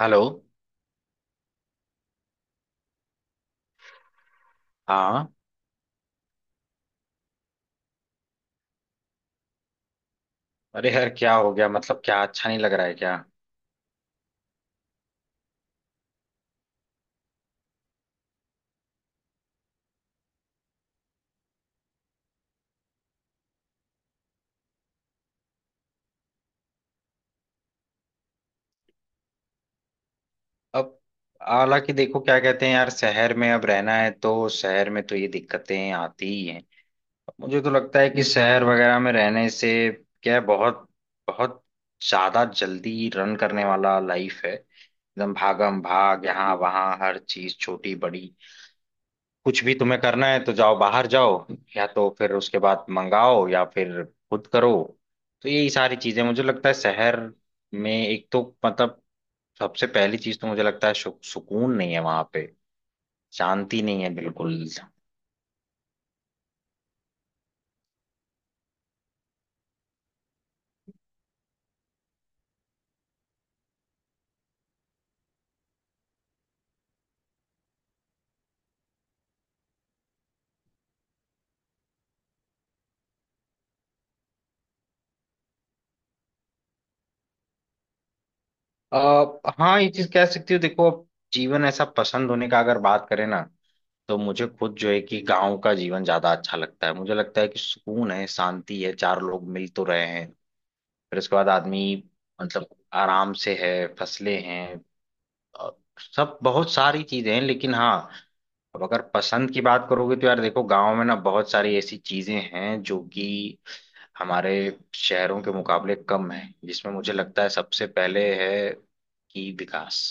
Hello. हाँ। अरे यार क्या हो गया, मतलब क्या अच्छा नहीं लग रहा है क्या? अब हालांकि देखो क्या कहते हैं यार, शहर में अब रहना है तो शहर में तो ये दिक्कतें आती ही हैं। मुझे तो लगता है कि शहर वगैरह में रहने से क्या है, बहुत बहुत ज्यादा जल्दी रन करने वाला लाइफ है, एकदम भागम भाग यहाँ वहाँ हर चीज छोटी बड़ी। कुछ भी तुम्हें करना है तो जाओ बाहर जाओ, या तो फिर उसके बाद मंगाओ या फिर खुद करो। तो यही सारी चीजें मुझे लगता है शहर में, एक तो मतलब सबसे पहली चीज तो मुझे लगता है सुकून नहीं है वहां पे, शांति नहीं है बिल्कुल। आ, हाँ ये चीज कह सकती हो। देखो अब जीवन ऐसा पसंद होने का अगर बात करें ना, तो मुझे खुद जो है कि गांव का जीवन ज्यादा अच्छा लगता है। मुझे लगता है कि सुकून है, शांति है, चार लोग मिल तो रहे हैं। फिर उसके बाद आदमी मतलब आराम से है, फसले हैं और सब बहुत सारी चीजें हैं। लेकिन हाँ, अब अगर पसंद की बात करोगे तो यार देखो गांव में ना बहुत सारी ऐसी चीजें हैं जो कि हमारे शहरों के मुकाबले कम है, जिसमें मुझे लगता है सबसे पहले है कि विकास।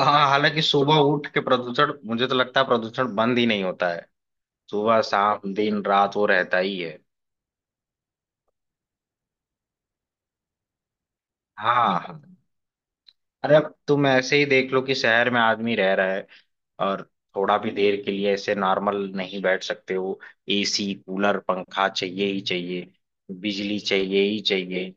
हाँ हालांकि सुबह उठ के प्रदूषण, मुझे तो लगता है प्रदूषण बंद ही नहीं होता है, सुबह शाम दिन रात वो रहता ही है। हाँ, अरे अब तुम ऐसे ही देख लो कि शहर में आदमी रह रहा है, और थोड़ा भी देर के लिए ऐसे नॉर्मल नहीं बैठ सकते हो। एसी कूलर पंखा चाहिए ही चाहिए, बिजली चाहिए ही चाहिए।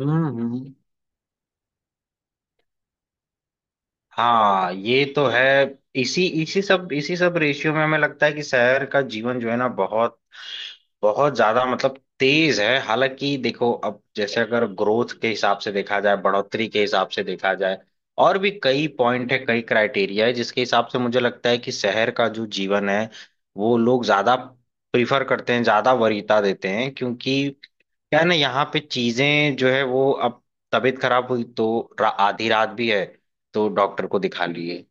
हम्म हम्म। हाँ ये तो है। इसी इसी सब रेशियो में हमें लगता है कि शहर का जीवन जो है ना बहुत बहुत ज्यादा मतलब तेज है। हालांकि देखो अब जैसे अगर ग्रोथ के हिसाब से देखा जाए, बढ़ोतरी के हिसाब से देखा जाए, और भी कई पॉइंट है, कई क्राइटेरिया है, जिसके हिसाब से मुझे लगता है कि शहर का जो जीवन है वो लोग ज्यादा प्रीफर करते हैं, ज्यादा वरीयता देते हैं। क्योंकि क्या है ना यहाँ पे चीजें जो है वो, अब तबीयत खराब हुई तो आधी रात भी है तो डॉक्टर को दिखा लिए,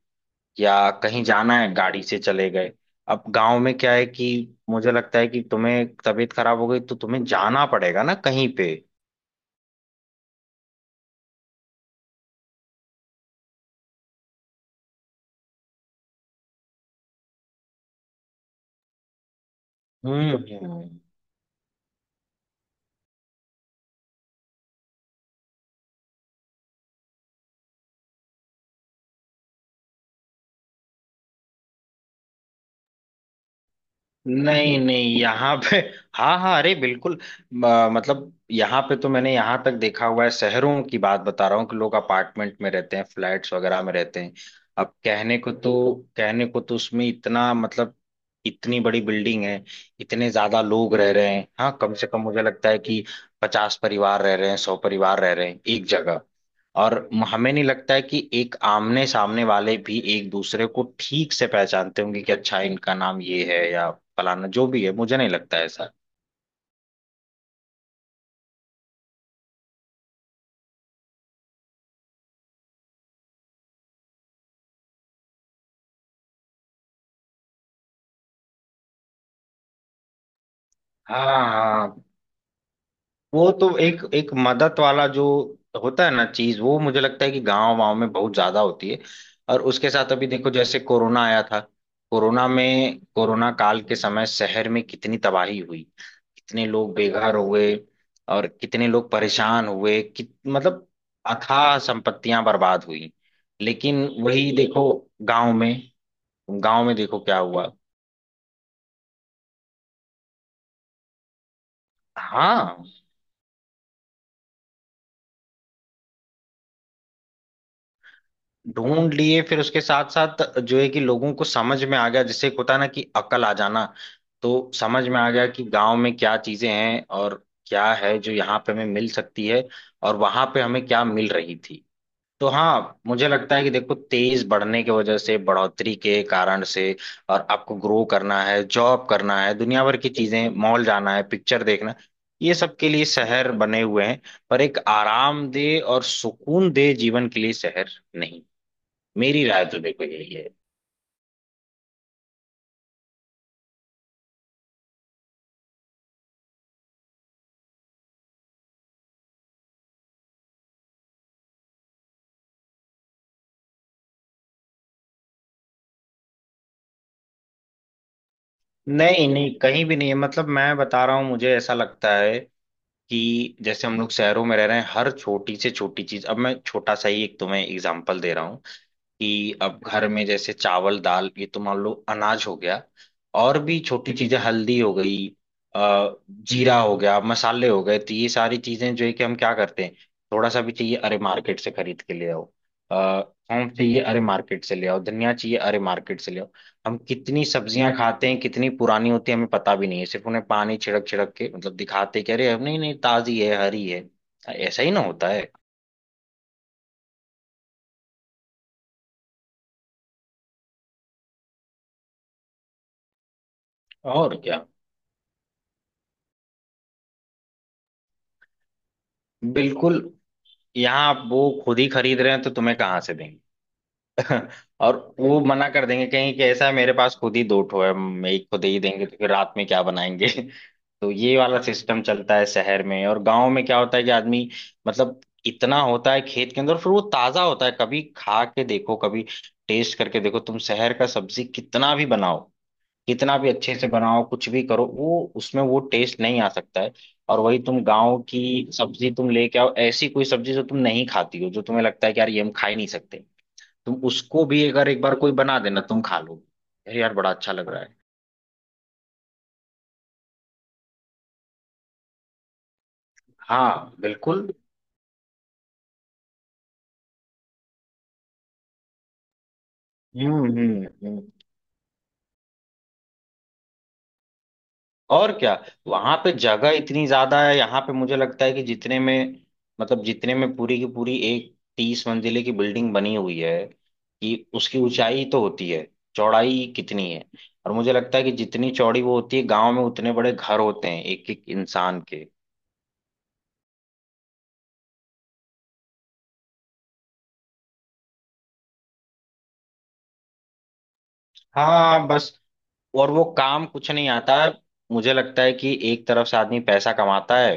या कहीं जाना है गाड़ी से चले गए। अब गांव में क्या है कि मुझे लगता है कि तुम्हें तबीयत खराब हो गई तो तुम्हें जाना पड़ेगा ना कहीं पे। हम्म। नहीं नहीं यहाँ पे हाँ हाँ अरे बिल्कुल। मतलब यहाँ पे तो मैंने यहाँ तक देखा हुआ है, शहरों की बात बता रहा हूँ कि लोग अपार्टमेंट में रहते हैं, फ्लैट्स वगैरह में रहते हैं। अब कहने को तो उसमें इतना मतलब इतनी बड़ी बिल्डिंग है, इतने ज्यादा लोग रह रहे हैं। हाँ कम से कम मुझे लगता है कि 50 परिवार रह रहे हैं, 100 परिवार रह रहे हैं एक जगह। और हमें नहीं लगता है कि एक आमने सामने वाले भी एक दूसरे को ठीक से पहचानते होंगे कि अच्छा इनका नाम ये है या फलाना जो भी है, मुझे नहीं लगता है ऐसा। हाँ हाँ वो तो एक एक मदद वाला जो होता है ना चीज, वो मुझे लगता है कि गांव वाँव में बहुत ज्यादा होती है। और उसके साथ अभी देखो जैसे कोरोना आया था, कोरोना में कोरोना काल के समय शहर में कितनी तबाही हुई, कितने लोग बेघर हुए और कितने लोग परेशान हुए, मतलब अथाह संपत्तियां बर्बाद हुई। लेकिन वही देखो गांव में गांव में देखो क्या हुआ। हाँ ढूंढ लिए। फिर उसके साथ साथ जो है कि लोगों को समझ में आ गया, जिससे एक होता है ना कि अकल आ जाना, तो समझ में आ गया कि गांव में क्या चीजें हैं और क्या है जो यहाँ पे हमें मिल सकती है और वहां पे हमें क्या मिल रही थी। तो हाँ मुझे लगता है कि देखो तेज बढ़ने की वजह से, बढ़ोतरी के कारण से, और आपको ग्रो करना है, जॉब करना है, दुनिया भर की चीजें, मॉल जाना है, पिक्चर देखना, ये सब के लिए शहर बने हुए हैं। पर एक आरामदेह और सुकून दे जीवन के लिए शहर नहीं। मेरी राय तो देखो यही है। नहीं नहीं कहीं भी नहीं है, मतलब मैं बता रहा हूँ, मुझे ऐसा लगता है कि जैसे हम लोग शहरों में रह रहे हैं हर छोटी से छोटी चीज, अब मैं छोटा सा ही एक तुम्हें एग्जांपल दे रहा हूँ कि अब घर में जैसे चावल दाल ये तो मान लो अनाज हो गया, और भी छोटी चीजें हल्दी हो गई, जीरा हो गया, मसाले हो गए, तो ये सारी चीजें जो है कि हम क्या करते हैं, थोड़ा सा भी चाहिए अरे मार्केट से खरीद के ले आओ। अ, सौंफ चाहिए अरे मार्केट से ले आओ, धनिया चाहिए अरे मार्केट से ले आओ। हम कितनी सब्जियां खाते हैं, कितनी पुरानी होती है हमें पता भी नहीं है, सिर्फ उन्हें पानी छिड़क छिड़क के मतलब दिखाते कि अरे नहीं नहीं ताजी है हरी है। ऐसा ही ना होता है। और क्या बिल्कुल, यहाँ आप वो खुद ही खरीद रहे हैं तो तुम्हें कहाँ से देंगे। और वो मना कर देंगे कहीं कि ऐसा है मेरे पास खुद ही दो ठो है, हम एक खुद ही देंगे तो फिर रात में क्या बनाएंगे। तो ये वाला सिस्टम चलता है शहर में। और गांव में क्या होता है कि आदमी मतलब इतना होता है खेत के अंदर, फिर वो ताजा होता है, कभी खा के देखो, कभी टेस्ट करके देखो। तुम शहर का सब्जी कितना भी बनाओ, कितना भी अच्छे से बनाओ, कुछ भी करो वो उसमें वो टेस्ट नहीं आ सकता है। और वही तुम गांव की सब्जी तुम लेके आओ, ऐसी कोई सब्जी जो तुम नहीं खाती हो, जो तुम्हें लगता है कि यार ये हम खा ही नहीं सकते, तुम उसको भी अगर एक बार कोई बना देना तुम खा लो। यार यार बड़ा अच्छा लग रहा है। हाँ बिल्कुल। हम्म हम्म हम्म। और क्या, वहां पे जगह इतनी ज्यादा है। यहाँ पे मुझे लगता है कि जितने में, मतलब जितने में पूरी की पूरी एक 30 मंजिले की बिल्डिंग बनी हुई है, कि उसकी ऊंचाई तो होती है, चौड़ाई कितनी है। और मुझे लगता है कि जितनी चौड़ी वो होती है गांव में उतने बड़े घर होते हैं एक एक इंसान के। हाँ बस, और वो काम कुछ नहीं आता है। मुझे लगता है कि एक तरफ से आदमी पैसा कमाता है,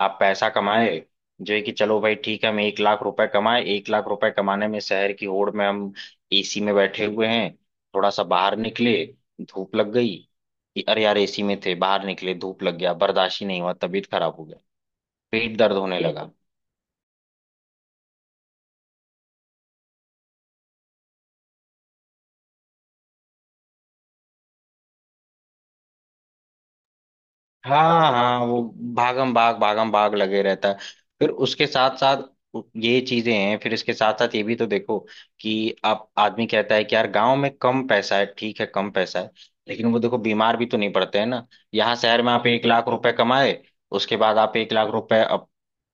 आप पैसा कमाए, जो है कि चलो भाई ठीक है हम 1 लाख रुपए कमाए, 1 लाख रुपए कमाने में शहर की होड़ में हम एसी में बैठे हुए हैं, थोड़ा सा बाहर निकले धूप लग गई, कि अरे यार एसी में थे बाहर निकले धूप लग गया, बर्दाश्त ही नहीं हुआ, तबीयत खराब हो गया, पेट दर्द होने लगा। हाँ हाँ, वो भागम भाग लगे रहता है। फिर उसके साथ साथ ये चीजें हैं, फिर इसके साथ साथ ये भी तो देखो, कि आप आदमी कहता है कि यार गांव में कम पैसा है, ठीक है कम पैसा है, लेकिन वो देखो बीमार भी तो नहीं पड़ते हैं ना। यहाँ शहर में आप 1 लाख रुपए कमाए, उसके बाद आप 1 लाख रुपए अब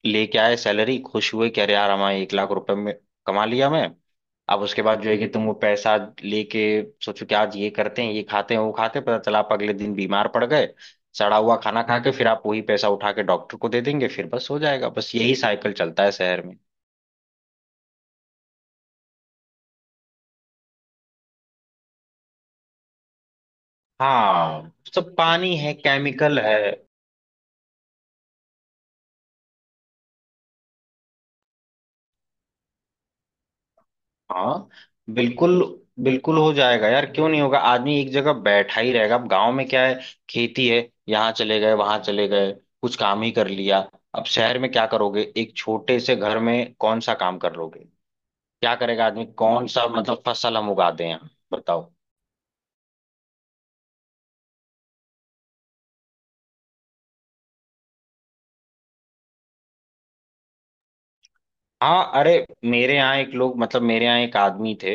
लेके आए सैलरी, खुश हुए कि अरे यार हमारे 1 लाख रुपए में कमा लिया मैं। अब उसके बाद जो है कि तुम वो पैसा लेके सोचो कि आज ये करते हैं, ये खाते हैं, वो खाते हैं, पता चला आप अगले दिन बीमार पड़ गए, सड़ा हुआ खाना खा के, फिर आप वही पैसा उठा के डॉक्टर को दे देंगे, फिर बस हो जाएगा, बस यही साइकिल चलता है शहर में। हाँ सब पानी है, केमिकल है। हाँ बिल्कुल, बिल्कुल हो जाएगा यार क्यों नहीं होगा, आदमी एक जगह बैठा ही रहेगा। अब गांव में क्या है, खेती है, यहाँ चले गए, वहां चले गए, कुछ काम ही कर लिया। अब शहर में क्या करोगे, एक छोटे से घर में कौन सा काम कर लोगे, क्या करेगा आदमी, कौन सा मतलब फसल हम उगा दें यहाँ बताओ। हाँ अरे, मेरे यहाँ एक लोग मतलब मेरे यहाँ एक आदमी थे,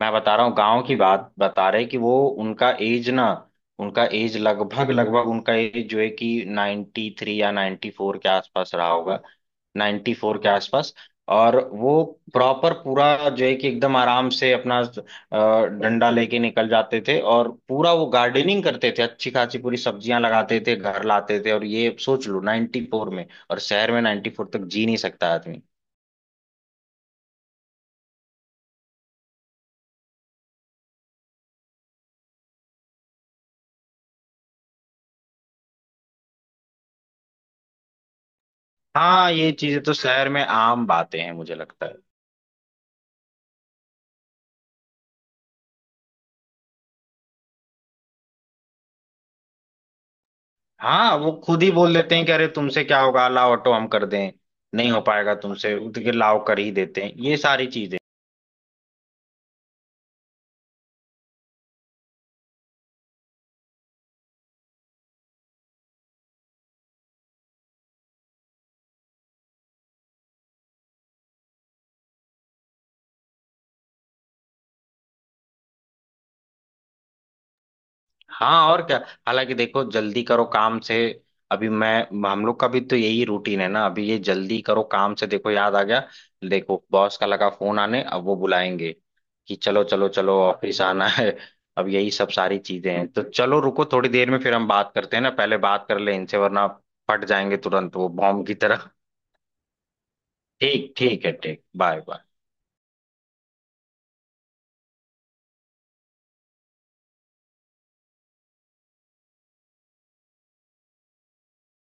मैं बता रहा हूँ गांव की बात बता रहे कि वो, उनका एज ना, उनका एज लगभग लगभग, उनका एज जो है कि 93 या 94 के आसपास रहा होगा, 94 के आसपास। और वो प्रॉपर पूरा जो है कि एकदम आराम से अपना डंडा लेके निकल जाते थे, और पूरा वो गार्डनिंग करते थे, अच्छी खासी पूरी सब्जियां लगाते थे, घर लाते थे। और ये सोच लो 94 में, और शहर में 94 तक जी नहीं सकता आदमी। हाँ ये चीजें तो शहर में आम बातें हैं मुझे लगता है। हाँ वो खुद ही बोल देते हैं कि अरे तुमसे क्या होगा, लाओ ऑटो हम कर दें, नहीं हो पाएगा तुमसे उठ के लाओ, कर ही देते हैं ये सारी चीजें। हाँ और क्या, हालांकि देखो जल्दी करो काम से, अभी मैं हम लोग का भी तो यही रूटीन है ना, अभी ये जल्दी करो काम से देखो याद आ गया, देखो बॉस का लगा फोन आने, अब वो बुलाएंगे कि चलो चलो चलो ऑफिस आना है। अब यही सब सारी चीजें हैं तो चलो रुको थोड़ी देर में फिर हम बात करते हैं ना, पहले बात कर ले इनसे वरना फट जाएंगे तुरंत वो बॉम्ब की तरह। ठीक ठीक है ठीक, बाय बाय।